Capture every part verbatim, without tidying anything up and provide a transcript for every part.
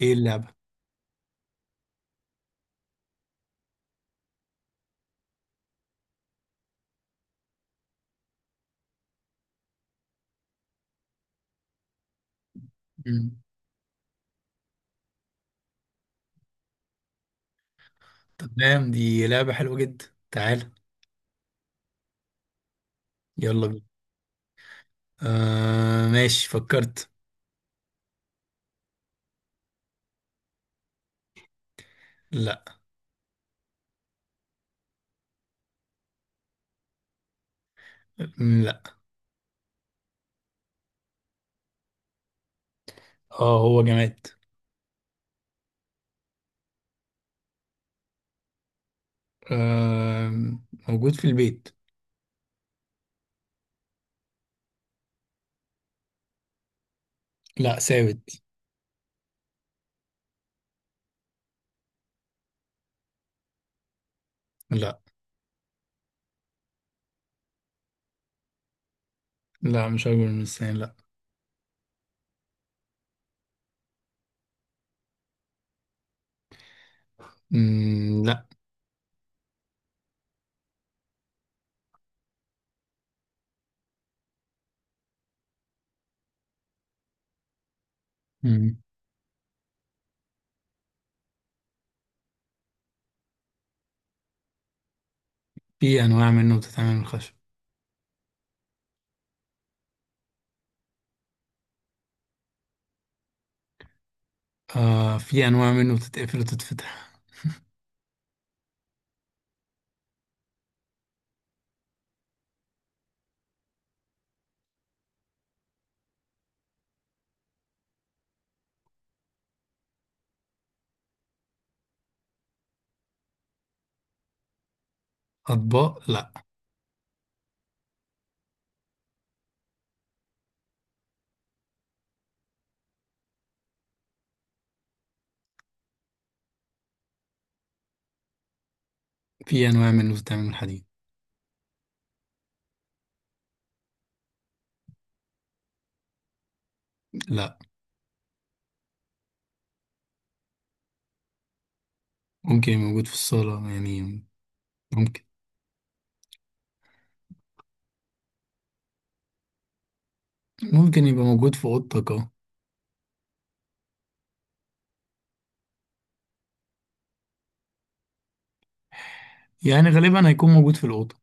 ايه اللعبة؟ مم. تمام، دي لعبة حلوة جدا. تعال. يلا بينا. آه، ماشي، فكرت. لا. مم، لا. اه، هو جماد. آه، موجود في البيت. لا، ثابت. لا، لا، مش أكبر من السنة، لا. مم، لا. مم. في أنواع منه بتتعمل من الخشب. آه، في أنواع منه بتتقفل وتتفتح أطباق؟ لا. في أنواع منه بتتعمل من الحديد. لا. ممكن يبقى موجود في الصالة يعني، ممكن. ممكن يبقى موجود في اوضتك، اه. يعني غالبا هيكون موجود في الاوضه.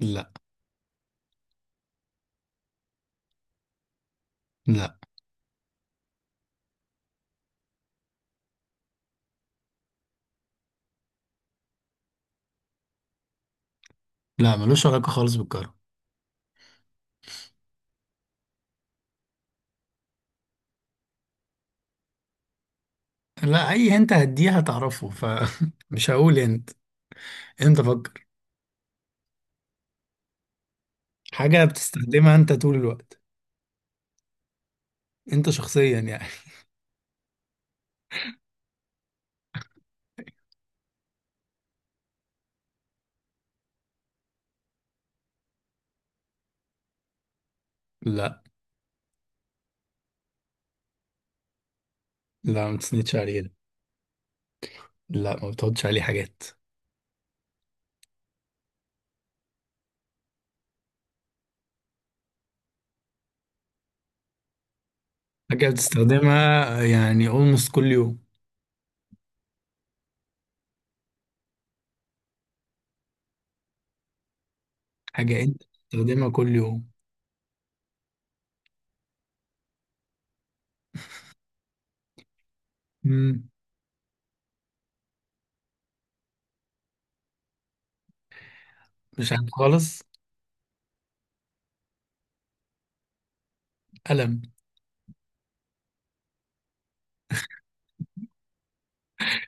لا لا. لا، ملوش علاقه خالص بالكهرباء. لا، اي انت هديه هتعرفه فمش هقول. انت انت فكر. حاجه بتستخدمها انت طول الوقت، انت شخصيا يعني. لا. لا، ما بتسندش عليه ده. لا، ما بتحطش عليه حاجات. حاجه بتستخدمها يعني almost كل يوم. حاجه انت بتستخدمها كل يوم. مم. مش عارف خالص. قلم.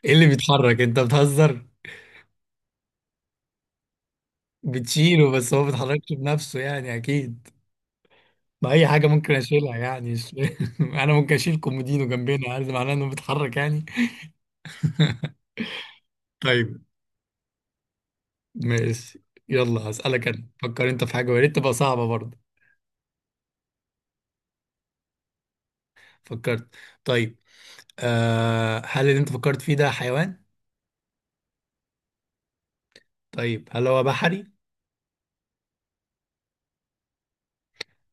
ايه اللي بيتحرك؟ انت بتهزر. بتشيله، بس هو ما بيتحركش بنفسه يعني اكيد. ما اي حاجه ممكن اشيلها يعني، مش- انا ممكن اشيل كومودينو جنبنا، يعني ده معناه انه بيتحرك يعني. طيب. ماشي. يلا، هسألك انا، فكر انت في حاجه، ويا ريت تبقى صعبه برضه. فكرت. طيب. آه، هل اللي انت فكرت فيه ده حيوان؟ طيب، هل هو بحري؟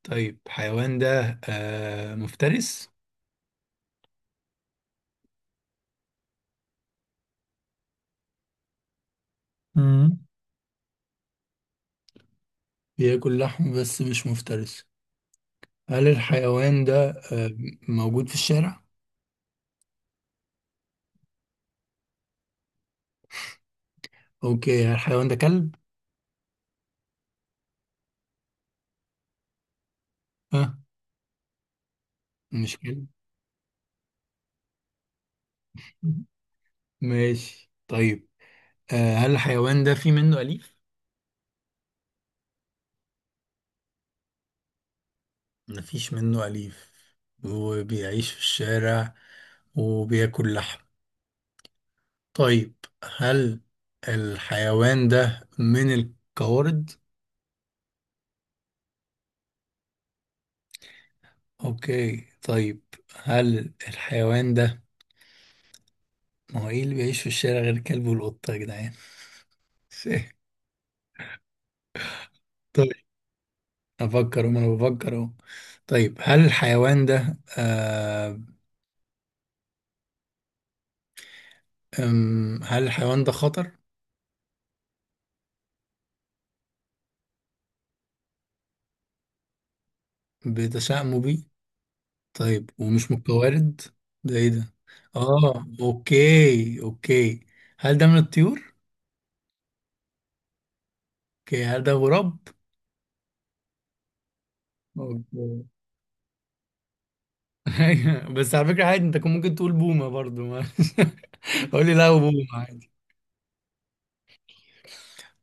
طيب، حيوان ده آه مفترس؟ مم. بياكل لحم بس مش مفترس؟ هل الحيوان ده آه موجود في الشارع؟ اوكي، هل الحيوان ده كلب؟ ها؟ مش كلب. ماشي، طيب، آه، هل الحيوان ده في منه أليف؟ مفيش منه أليف، وبيعيش في الشارع، وبياكل لحم. طيب، هل الحيوان ده من القوارض؟ أوكي، طيب. هل الحيوان ده ما هو إيه اللي بيعيش في الشارع غير الكلب والقطة يا جدعان؟ طيب، أفكر، وما أنا بفكر أهو. طيب، هل الحيوان ده آه أم، هل الحيوان ده خطر؟ بتشائموا بيه؟ طيب، ومش متوارد. ده ايه ده؟ اه، اوكي، اوكي. هل ده من الطيور؟ اوكي، هل ده غراب؟ اوكي. أيوة، بس على فكرة عادي، انت كان ممكن تقول بومة برضو، ما قول لي لا، بومة عادي.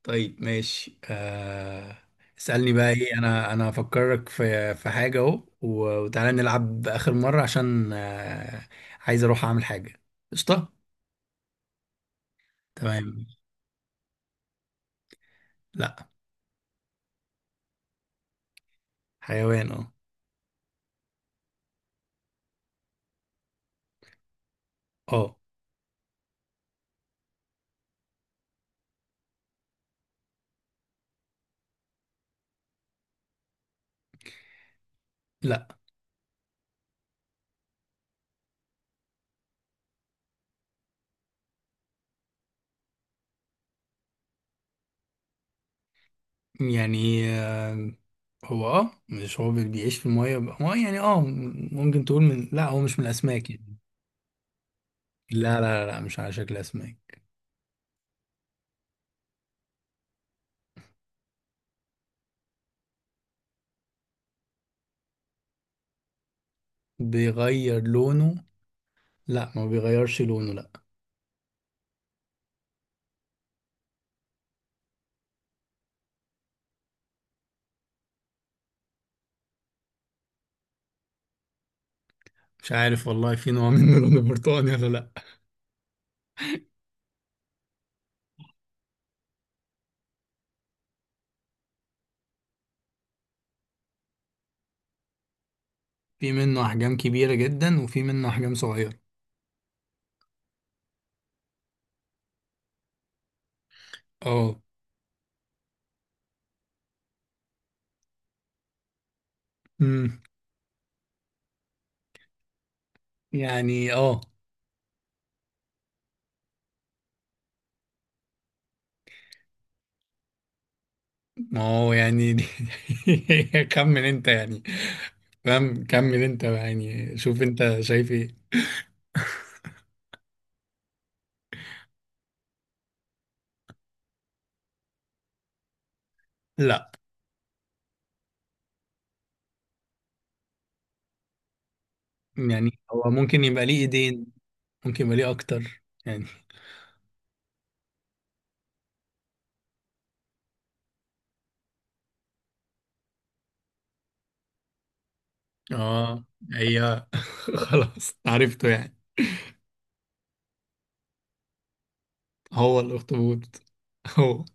طيب، ماشي. آه... اسألني بقى. ايه، انا انا هفكرك في في حاجة اهو، و- وتعالى نلعب آخر مرة، عشان آه... عايز اروح اعمل حاجة. قشطة. تمام. لا. حيوان، اه. اه. لا. يعني آه، هو اه مش هو بي- بيعيش في المية، بقى- هو يعني اه ممكن تقول من لا، هو مش من الأسماك يعني. لا، لا، لا، لا، مش على شكل أسماك. بيغير لونه؟ لا، ما بيغيرش لونه، لا. مش عارف والله، في نوع منه لونه برتقاني ولا لا. في منه أحجام كبيرة جدا، وفي منه أحجام صغيرة. اه، امم يعني اه ما هو يعني دي- كمل انت يعني. فاهم، كمل انت يعني، شوف انت شايف ايه. لا، يعني هو ممكن يبقى ليه ايدين. ممكن يبقى ليه اكتر يعني. اه. هي خلاص عرفته يعني. هو الاخطبوط، هو.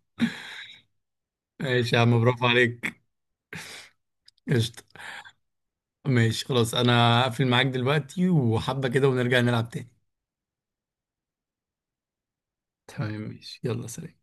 ماشي يا عم، برافو عليك. قشطة. ماشي، خلاص، انا هقفل معاك دلوقتي وحبة كده، ونرجع نلعب تاني. تمام، ماشي، يلا، سلام.